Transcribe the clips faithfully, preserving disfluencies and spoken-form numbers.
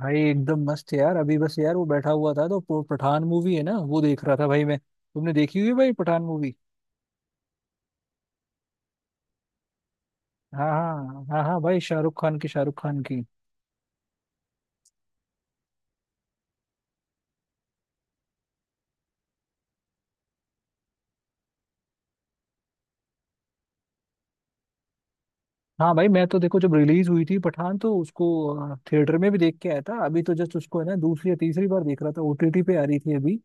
भाई एकदम मस्त है यार। अभी बस यार वो बैठा हुआ था तो वो पठान मूवी है ना वो देख रहा था। भाई मैं, तुमने देखी हुई है भाई पठान मूवी? हाँ हाँ हाँ हाँ भाई, शाहरुख खान की, शाहरुख खान की। हाँ भाई मैं तो देखो जब रिलीज हुई थी पठान तो उसको थिएटर में भी देख के आया था। अभी तो जस्ट उसको है ना दूसरी या तीसरी बार देख रहा था, ओटीटी पे आ रही थी अभी।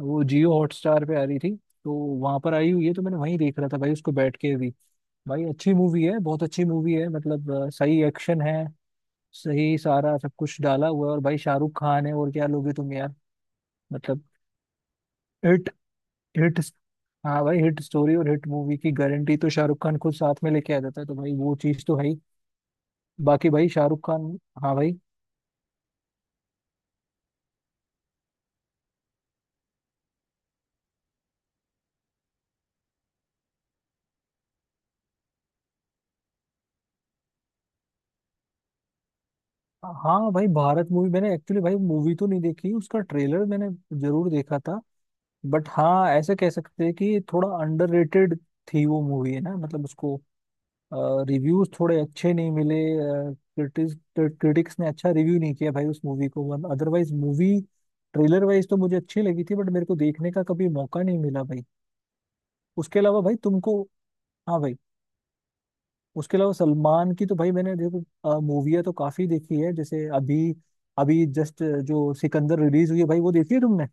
वो जियो हॉटस्टार पे आ रही थी, तो वहां पर आई हुई है तो मैंने वहीं देख रहा था भाई उसको बैठ के भी। भाई अच्छी मूवी है, बहुत अच्छी मूवी है, मतलब अ, सही एक्शन है। सही सारा सब कुछ डाला हुआ है, और भाई शाहरुख खान है, और क्या लोगे तुम यार। मतलब हिट, हिट। हाँ भाई, हिट स्टोरी और हिट मूवी की गारंटी तो शाहरुख खान खुद साथ में लेके आ जाता है, तो भाई वो चीज तो है ही। बाकी भाई शाहरुख खान। हाँ भाई। हाँ भाई भारत मूवी, मैंने एक्चुअली भाई मूवी तो नहीं देखी, उसका ट्रेलर मैंने जरूर देखा था। बट हाँ ऐसे कह सकते हैं कि थोड़ा अंडररेटेड थी वो मूवी है ना, मतलब उसको रिव्यूज थोड़े अच्छे नहीं मिले। क्रिटिक्स क्रिटिक्स ने अच्छा रिव्यू नहीं किया भाई उस मूवी को। One otherwise movie, trailer wise तो मुझे अच्छी लगी थी बट मेरे को देखने का कभी मौका नहीं मिला भाई। उसके अलावा भाई तुमको। हाँ भाई। उसके अलावा सलमान की तो भाई मैंने, देखो मूवियाँ तो काफी देखी है, जैसे अभी अभी जस्ट जो सिकंदर रिलीज हुई है भाई, वो देखी है तुमने?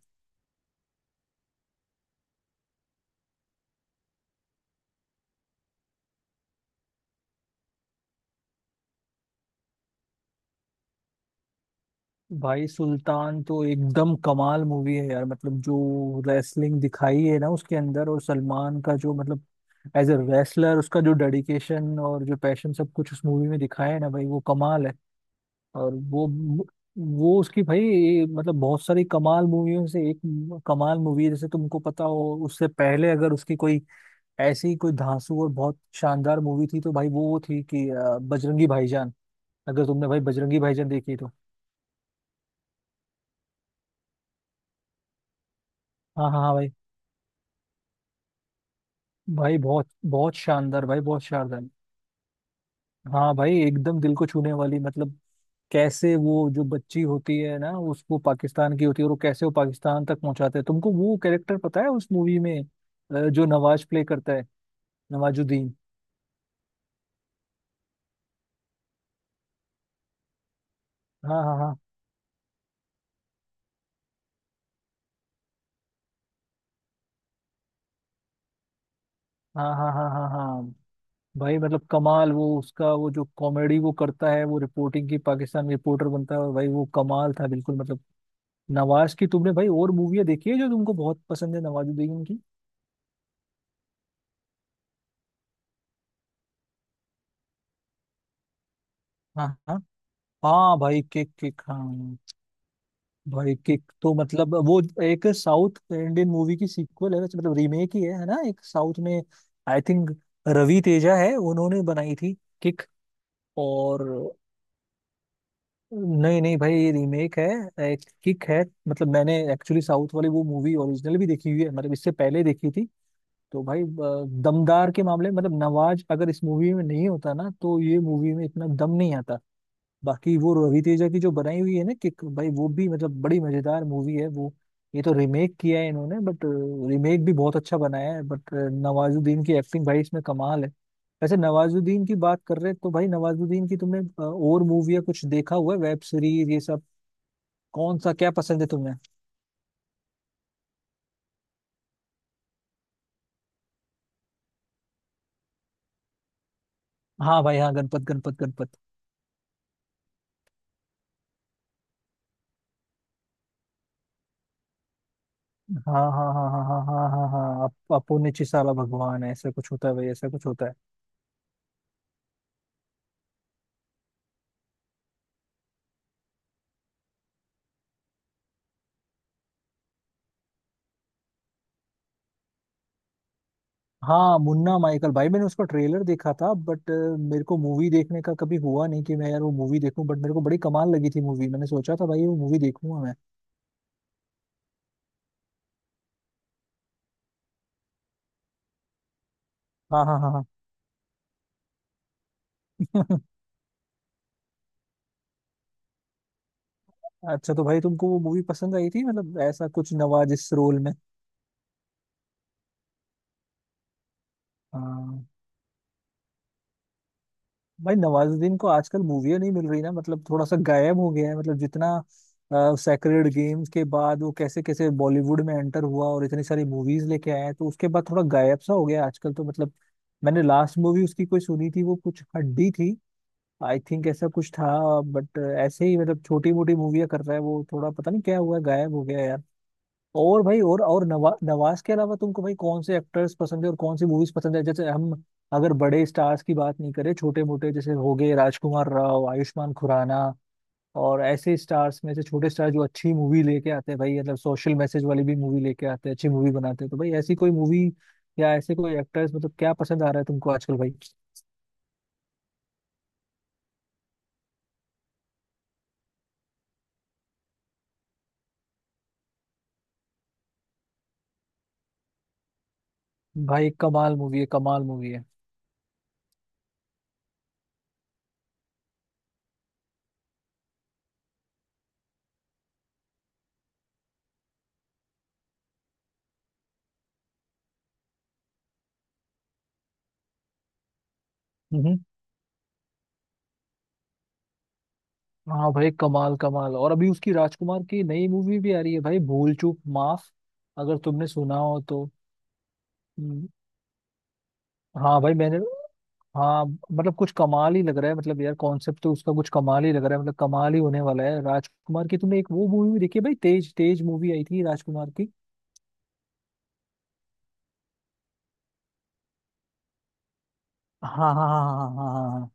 भाई सुल्तान तो एकदम कमाल मूवी है यार, मतलब जो रेसलिंग दिखाई है ना उसके अंदर, और सलमान का जो, मतलब एज ए रेसलर उसका जो डेडिकेशन और जो पैशन सब कुछ उस मूवी में दिखाया है ना भाई, वो कमाल है। और वो वो उसकी भाई मतलब बहुत सारी कमाल मूवियों से एक कमाल मूवी है, जैसे तुमको पता हो, उससे पहले अगर उसकी कोई ऐसी कोई धांसू और बहुत शानदार मूवी थी तो भाई वो वो थी कि अ, बजरंगी भाईजान। अगर तुमने भाई बजरंगी भाईजान देखी है तो। हाँ हाँ हाँ भाई। भाई बहुत बहुत शानदार, भाई बहुत शानदार। हाँ भाई एकदम दिल को छूने वाली, मतलब कैसे वो जो बच्ची होती है ना उसको, पाकिस्तान की होती है और वो कैसे वो पाकिस्तान तक पहुंचाते हैं। तुमको वो कैरेक्टर पता है उस मूवी में अ, जो नवाज प्ले करता है, नवाजुद्दीन? हाँ हाँ हाँ हाँ हाँ हाँ हाँ हाँ भाई, मतलब कमाल, वो उसका वो जो कॉमेडी वो करता है वो रिपोर्टिंग की, पाकिस्तान रिपोर्टर बनता है, और भाई वो कमाल था बिल्कुल मतलब। नवाज की तुमने भाई और मूवियाँ देखी है जो तुमको बहुत पसंद है, नवाजुद्दीन की? हाँ हाँ भाई, किक, किक हाँ। भाई किक तो मतलब वो एक साउथ इंडियन मूवी की सीक्वल है, वैसे मतलब रीमेक ही है है ना, एक साउथ में, आई थिंक रवि तेजा है, उन्होंने बनाई थी किक। और नहीं नहीं भाई ये रीमेक है, एक किक है। मतलब मैंने एक्चुअली साउथ वाली वो मूवी ओरिजिनल भी देखी हुई है, मतलब इससे पहले देखी थी। तो भाई अ, दमदार के मामले में, मतलब नवाज अगर इस मूवी में नहीं होता ना तो ये मूवी में इतना दम नहीं आता। बाकी वो रवि तेजा की जो बनाई हुई है ना किक, भाई वो भी मतलब बड़ी मजेदार मूवी है वो। ये तो रीमेक किया है इन्होंने, बट रीमेक भी बहुत अच्छा बनाया है, बट नवाजुद्दीन की एक्टिंग भाई इसमें कमाल है। वैसे नवाजुद्दीन की बात कर रहे हैं, तो भाई नवाजुद्दीन की तुमने अ, और मूवी या कुछ देखा हुआ है, वेब सीरीज ये सब? कौन सा क्या पसंद है तुम्हें? हाँ भाई हाँ, गणपत गणपत गणपत। हाँ हाँ हाँ हाँ हाँ हाँ हाँ हाँ अप- अपुन्य चिसाला भगवान है, ऐसा कुछ होता है भाई, ऐसा कुछ होता है। हाँ मुन्ना माइकल, भाई मैंने उसका ट्रेलर देखा था बट मेरे को मूवी देखने का कभी हुआ नहीं कि मैं यार वो मूवी देखूं, बट मेरे को बड़ी कमाल लगी थी मूवी, मैंने सोचा था भाई वो मूवी देखूंगा मैं। हाँ हाँ हाँ हाँ। अच्छा, तो भाई तुमको वो मूवी पसंद आई थी, मतलब ऐसा कुछ नवाजिश रोल में? हाँ भाई। नवाजुद्दीन को आजकल मूवियाँ नहीं मिल रही ना, मतलब थोड़ा सा गायब हो गया है, मतलब जितना सेक्रेड गेम्स के बाद वो कैसे कैसे बॉलीवुड में एंटर हुआ और इतनी सारी मूवीज लेके आया, तो उसके बाद थोड़ा गायब सा हो गया आजकल तो मतलब। मैंने लास्ट मूवी उसकी कोई सुनी थी, वो कुछ हड्डी थी आई थिंक, ऐसा कुछ था। बट ऐसे ही मतलब छोटी मोटी मूवियाँ कर रहा है वो, थोड़ा पता नहीं क्या हुआ गायब हो गया यार। और भाई, और और नवा, नवाज के अलावा तुमको भाई कौन से एक्टर्स पसंद है और कौन सी मूवीज पसंद है? जैसे हम, अगर बड़े स्टार्स की बात नहीं करें, छोटे मोटे जैसे हो गए राजकुमार राव, आयुष्मान खुराना, और ऐसे स्टार्स में से छोटे स्टार जो अच्छी मूवी लेके आते हैं भाई, मतलब सोशल मैसेज वाली भी मूवी लेके आते हैं, अच्छी मूवी बनाते हैं, तो भाई ऐसी कोई मूवी या ऐसे कोई एक्टर्स, मतलब क्या पसंद आ रहा है तुमको आजकल भाई? भाई कमाल मूवी है, कमाल मूवी है। हाँ भाई कमाल कमाल, और अभी उसकी राजकुमार की नई मूवी भी आ रही है भाई, भूल चूक माफ, अगर तुमने सुना हो तो। हम्म, हाँ भाई मैंने, हाँ मतलब कुछ कमाल ही लग रहा है, मतलब यार कॉन्सेप्ट तो उसका कुछ कमाल ही लग रहा है, मतलब कमाल ही होने वाला है। राजकुमार की तुमने एक वो मूवी भी देखी है भाई, तेज तेज मूवी आई थी राजकुमार की? हाँ हाँ हाँ हाँ हाँ हाँ हाँ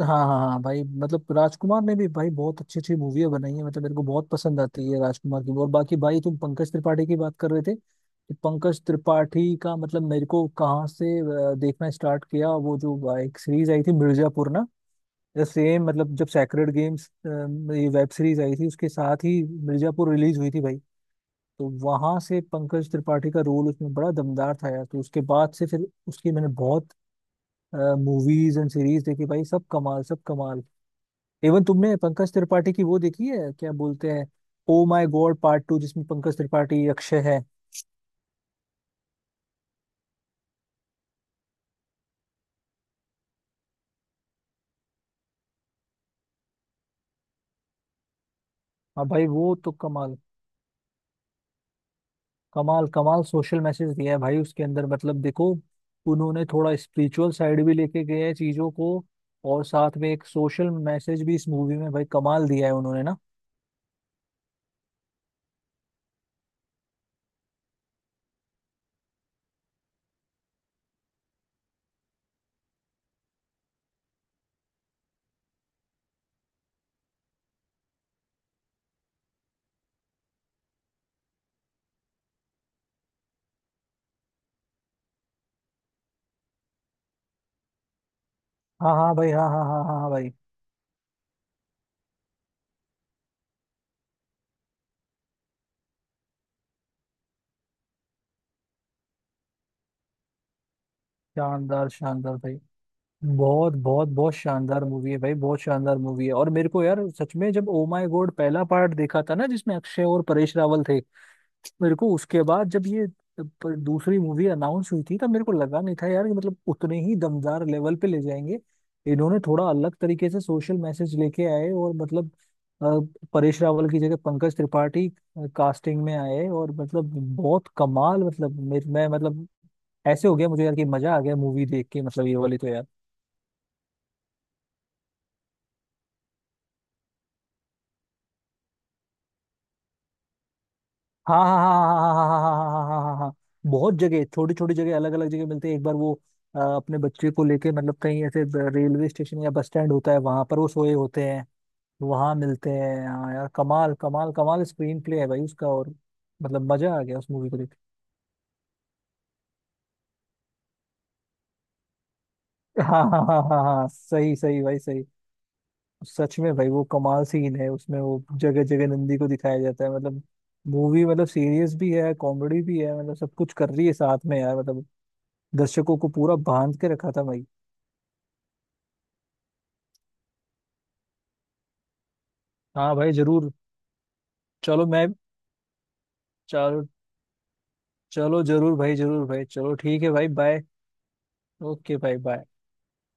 हाँ हाँ हाँ। भाई मतलब राजकुमार ने भी भाई बहुत अच्छी अच्छी मूवियाँ बनाई है, मतलब मेरे को बहुत पसंद आती है राजकुमार की। और बाकी भाई तुम पंकज त्रिपाठी की बात कर रहे थे, तो पंकज त्रिपाठी का मतलब, मेरे को कहाँ से अ, देखना स्टार्ट किया, वो जो अ, एक सीरीज आई थी मिर्जापुर ना। सेम मतलब जब सैक्रेड गेम्स ये वेब सीरीज आई थी, उसके साथ ही मिर्जापुर रिलीज हुई थी भाई। तो वहां से पंकज त्रिपाठी का रोल उसमें बड़ा दमदार था यार, तो उसके बाद से फिर उसकी मैंने बहुत मूवीज एंड सीरीज देखी भाई, सब कमाल सब कमाल। इवन तुमने पंकज त्रिपाठी की वो देखी है, क्या बोलते हैं, Oh My God part two, जिसमें पंकज त्रिपाठी, अक्षय है। हाँ भाई वो तो कमाल, कमाल कमाल सोशल मैसेज दिया है भाई उसके अंदर, मतलब देखो उन्होंने थोड़ा स्पिरिचुअल साइड भी लेके गए हैं चीजों को, और साथ में एक सोशल मैसेज भी इस मूवी में भाई कमाल दिया है उन्होंने ना। हाँ हाँ भाई, हाँ हाँ हाँ हाँ हाँ भाई। शानदार शानदार भाई, बहुत बहुत बहुत शानदार मूवी है भाई, बहुत शानदार मूवी है। और मेरे को यार सच में, जब ओ माय गॉड पहला पार्ट देखा था ना जिसमें अक्षय और परेश रावल थे, मेरे को उसके बाद जब ये पर दूसरी मूवी अनाउंस हुई थी तब मेरे को लगा नहीं था यार कि मतलब उतने ही दमदार लेवल पे ले जाएंगे। इन्होंने थोड़ा अलग तरीके से सोशल मैसेज लेके आए, और मतलब अ, परेश रावल की जगह पंकज त्रिपाठी कास्टिंग में आए, और मतलब बहुत कमाल, मतलब मेर- मैं मतलब ऐसे हो गया मुझे यार कि मजा आ गया मूवी देख के, मतलब ये वाली तो यार। हाँ हाँ हाँ हाँ हाँ हाँ हाँ हाँ हाँ हाँ, हाँ। हाँ। बहुत जगह, छोटी छोटी जगह, अलग अलग जगह मिलते हैं, एक बार वो अ, अपने बच्चे को लेके मतलब कहीं ऐसे ब- रेलवे स्टेशन या बस स्टैंड होता है, वहां पर वो सोए होते हैं। वहां मिलते हैं। हाँ यार, कमाल कमाल कमाल स्क्रीन प्ले है भाई उसका, और मतलब मजा आ गया उस मूवी को देख के। हाँ हाँ हाँ हाँ हाँ, सही सही भाई सही। सच में भाई वो कमाल सीन है उसमें, वो जगह जगह नंदी को दिखाया जाता है, मतलब मूवी मतलब सीरियस भी है कॉमेडी भी है, मतलब सब कुछ कर रही है साथ में यार, मतलब दर्शकों को पूरा बांध के रखा था भाई। हाँ भाई जरूर। चलो मैं। चलो। चलो जरूर भाई, जरूर भाई, चलो ठीक है भाई, बाय। ओके भाई बाय।